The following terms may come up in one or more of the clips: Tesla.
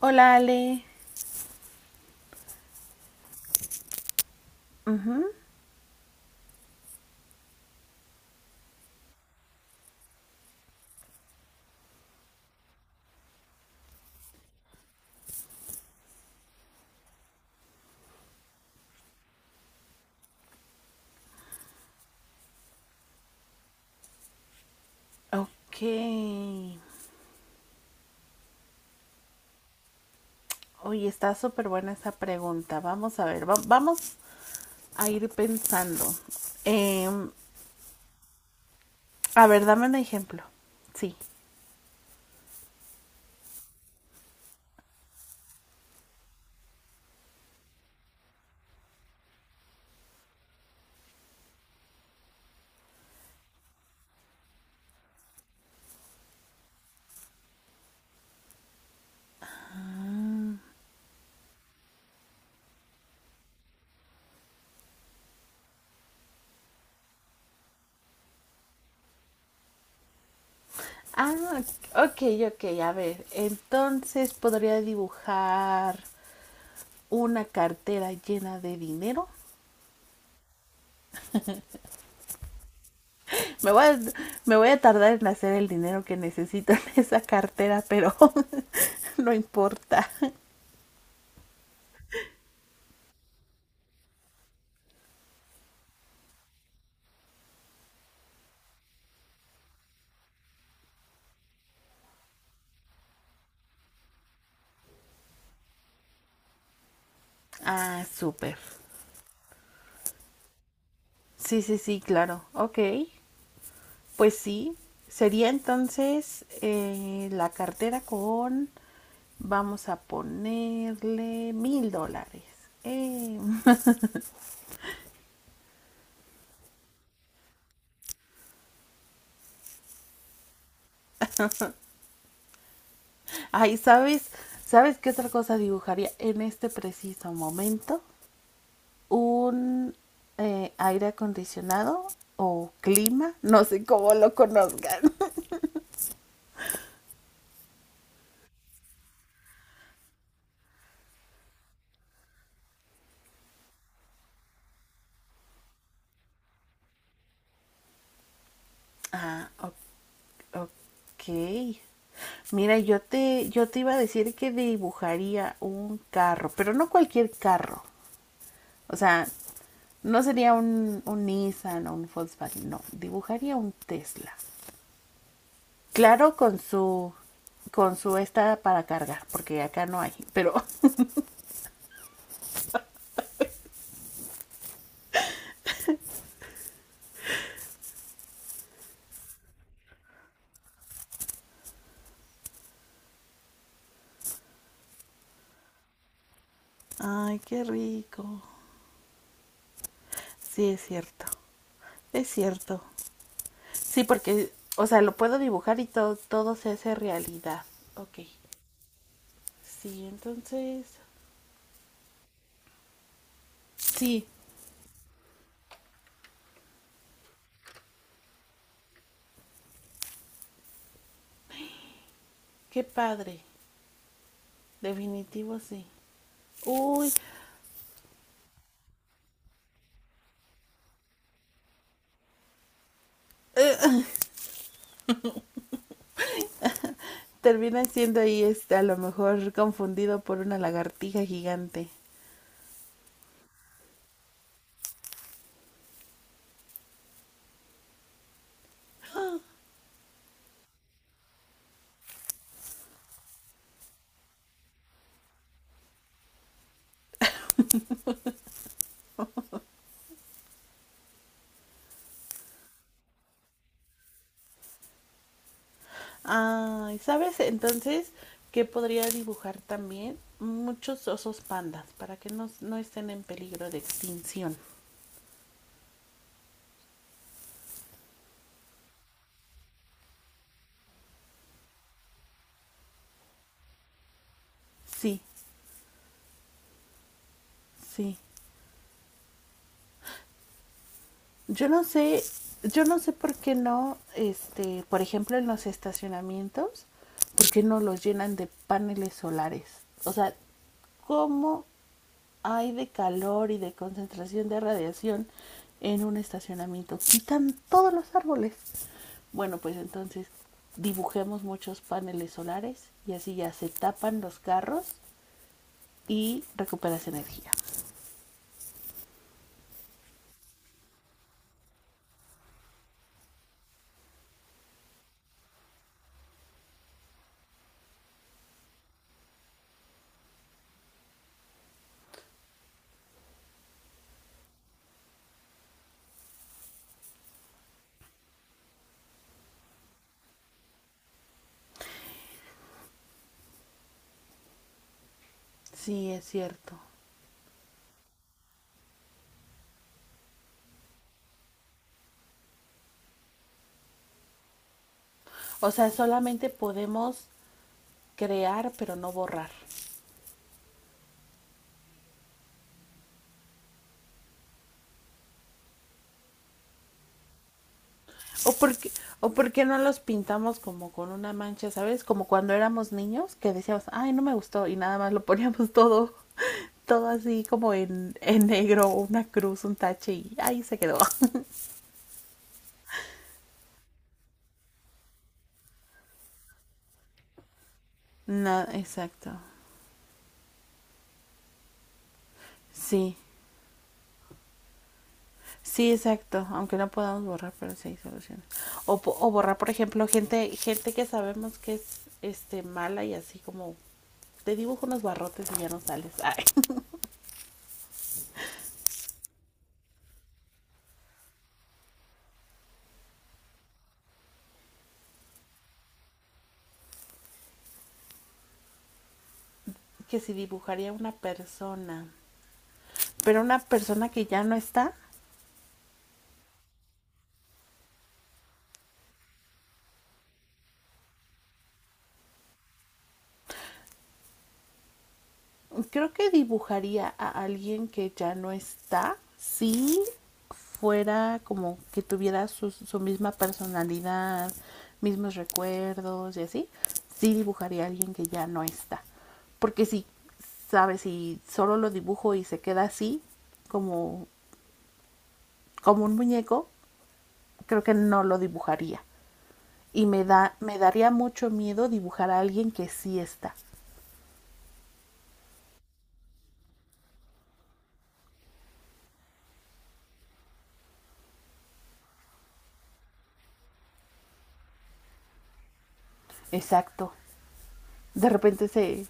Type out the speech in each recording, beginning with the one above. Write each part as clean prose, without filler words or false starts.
Hola, Ale. Ok. Oye, está súper buena esa pregunta. Vamos a ver, vamos a ir pensando. Eh, a ver, dame un ejemplo. Sí. Ah, ok, ok, a ver. Entonces podría dibujar una cartera llena de dinero. Me voy, a, me voy a tardar en hacer el dinero que necesito en esa cartera, pero no importa. Ah, súper. Sí, sí, sí, claro. Ok. Pues sí, sería entonces la cartera con vamos a ponerle 1.000 dólares. Eh, Ay, ¿sabes? ¿Sabes qué otra cosa dibujaría en este preciso momento? Un aire acondicionado o clima, no sé cómo lo conozcan. Ah, o- ok. Mira, yo te iba a decir que dibujaría un carro, pero no cualquier carro. O sea, no sería un Nissan o un Volkswagen, no. Dibujaría un Tesla. Claro, con su esta para cargar, porque acá no hay, pero ay, qué rico. Sí, es cierto. Es cierto. Sí, porque, o sea, lo puedo dibujar y todo, todo se hace realidad. Ok. Sí, entonces. Sí, qué padre. Definitivo sí. Uy, termina siendo ahí este, a lo mejor confundido por una lagartija gigante. Ay, ¿sabes entonces qué podría dibujar también? Muchos osos pandas para que no estén en peligro de extinción. Sí, sí. Yo no sé, yo no sé por qué no, este, por ejemplo, en los estacionamientos, por qué no los llenan de paneles solares. O sea, ¿cómo hay de calor y de concentración de radiación en un estacionamiento? Quitan todos los árboles. Bueno, pues entonces dibujemos muchos paneles solares y así ya se tapan los carros y recuperas energía. Sí, es cierto. O sea, solamente podemos crear pero no borrar. O porque, o porque no los pintamos como con una mancha, ¿sabes? Como cuando éramos niños que decíamos, ay, no me gustó y nada más lo poníamos todo, todo así como en negro, una cruz, un tache y ahí se quedó. No, exacto. Sí, sí, exacto. Aunque no podamos borrar, pero sí hay soluciones. O borrar, por ejemplo, gente que sabemos que es este mala y así como te dibujo unos barrotes y ya no sales. Ay. Que si dibujaría una persona, pero una persona que ya no está, creo que dibujaría a alguien que ya no está si fuera como que tuviera su misma personalidad, mismos recuerdos y así, sí dibujaría a alguien que ya no está. Porque si, sabes, si solo lo dibujo y se queda así, como, como un muñeco, creo que no lo dibujaría. Y me daría mucho miedo dibujar a alguien que sí está. Exacto. De repente se,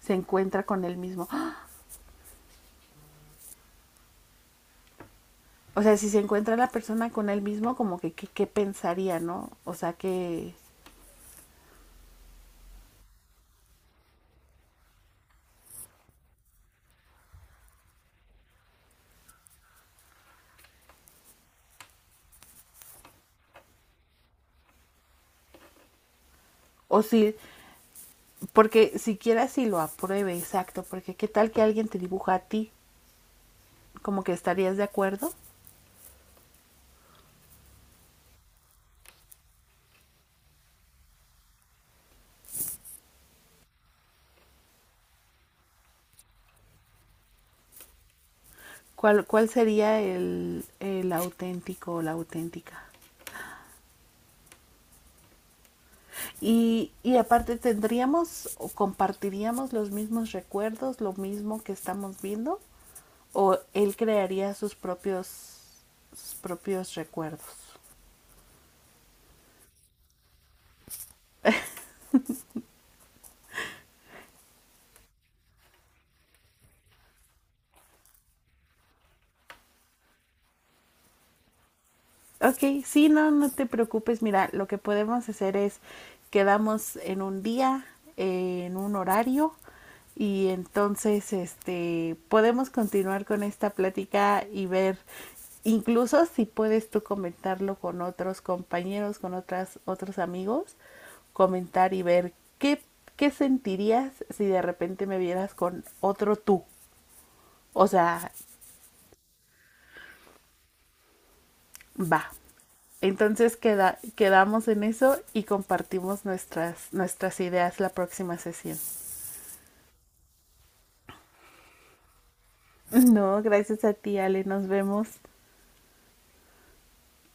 se encuentra con él mismo. ¡Ah! O sea, si se encuentra la persona con él mismo, como que qué pensaría, ¿no? O sea, que... O si, porque siquiera si lo apruebe, exacto, porque qué tal que alguien te dibuja a ti, como que estarías de acuerdo. ¿Cuál sería el auténtico o la auténtica? Aparte tendríamos o compartiríamos los mismos recuerdos, lo mismo que estamos viendo, o él crearía sus propios recuerdos. Ok, sí, no, no te preocupes. Mira, lo que podemos hacer es quedamos en un día, en un horario, y entonces este podemos continuar con esta plática y ver incluso si puedes tú comentarlo con otros compañeros, con otras otros amigos, comentar y ver qué qué sentirías si de repente me vieras con otro tú. O sea, va, entonces quedamos en eso y compartimos nuestras, nuestras ideas la próxima sesión. No, gracias a ti, Ale. Nos vemos.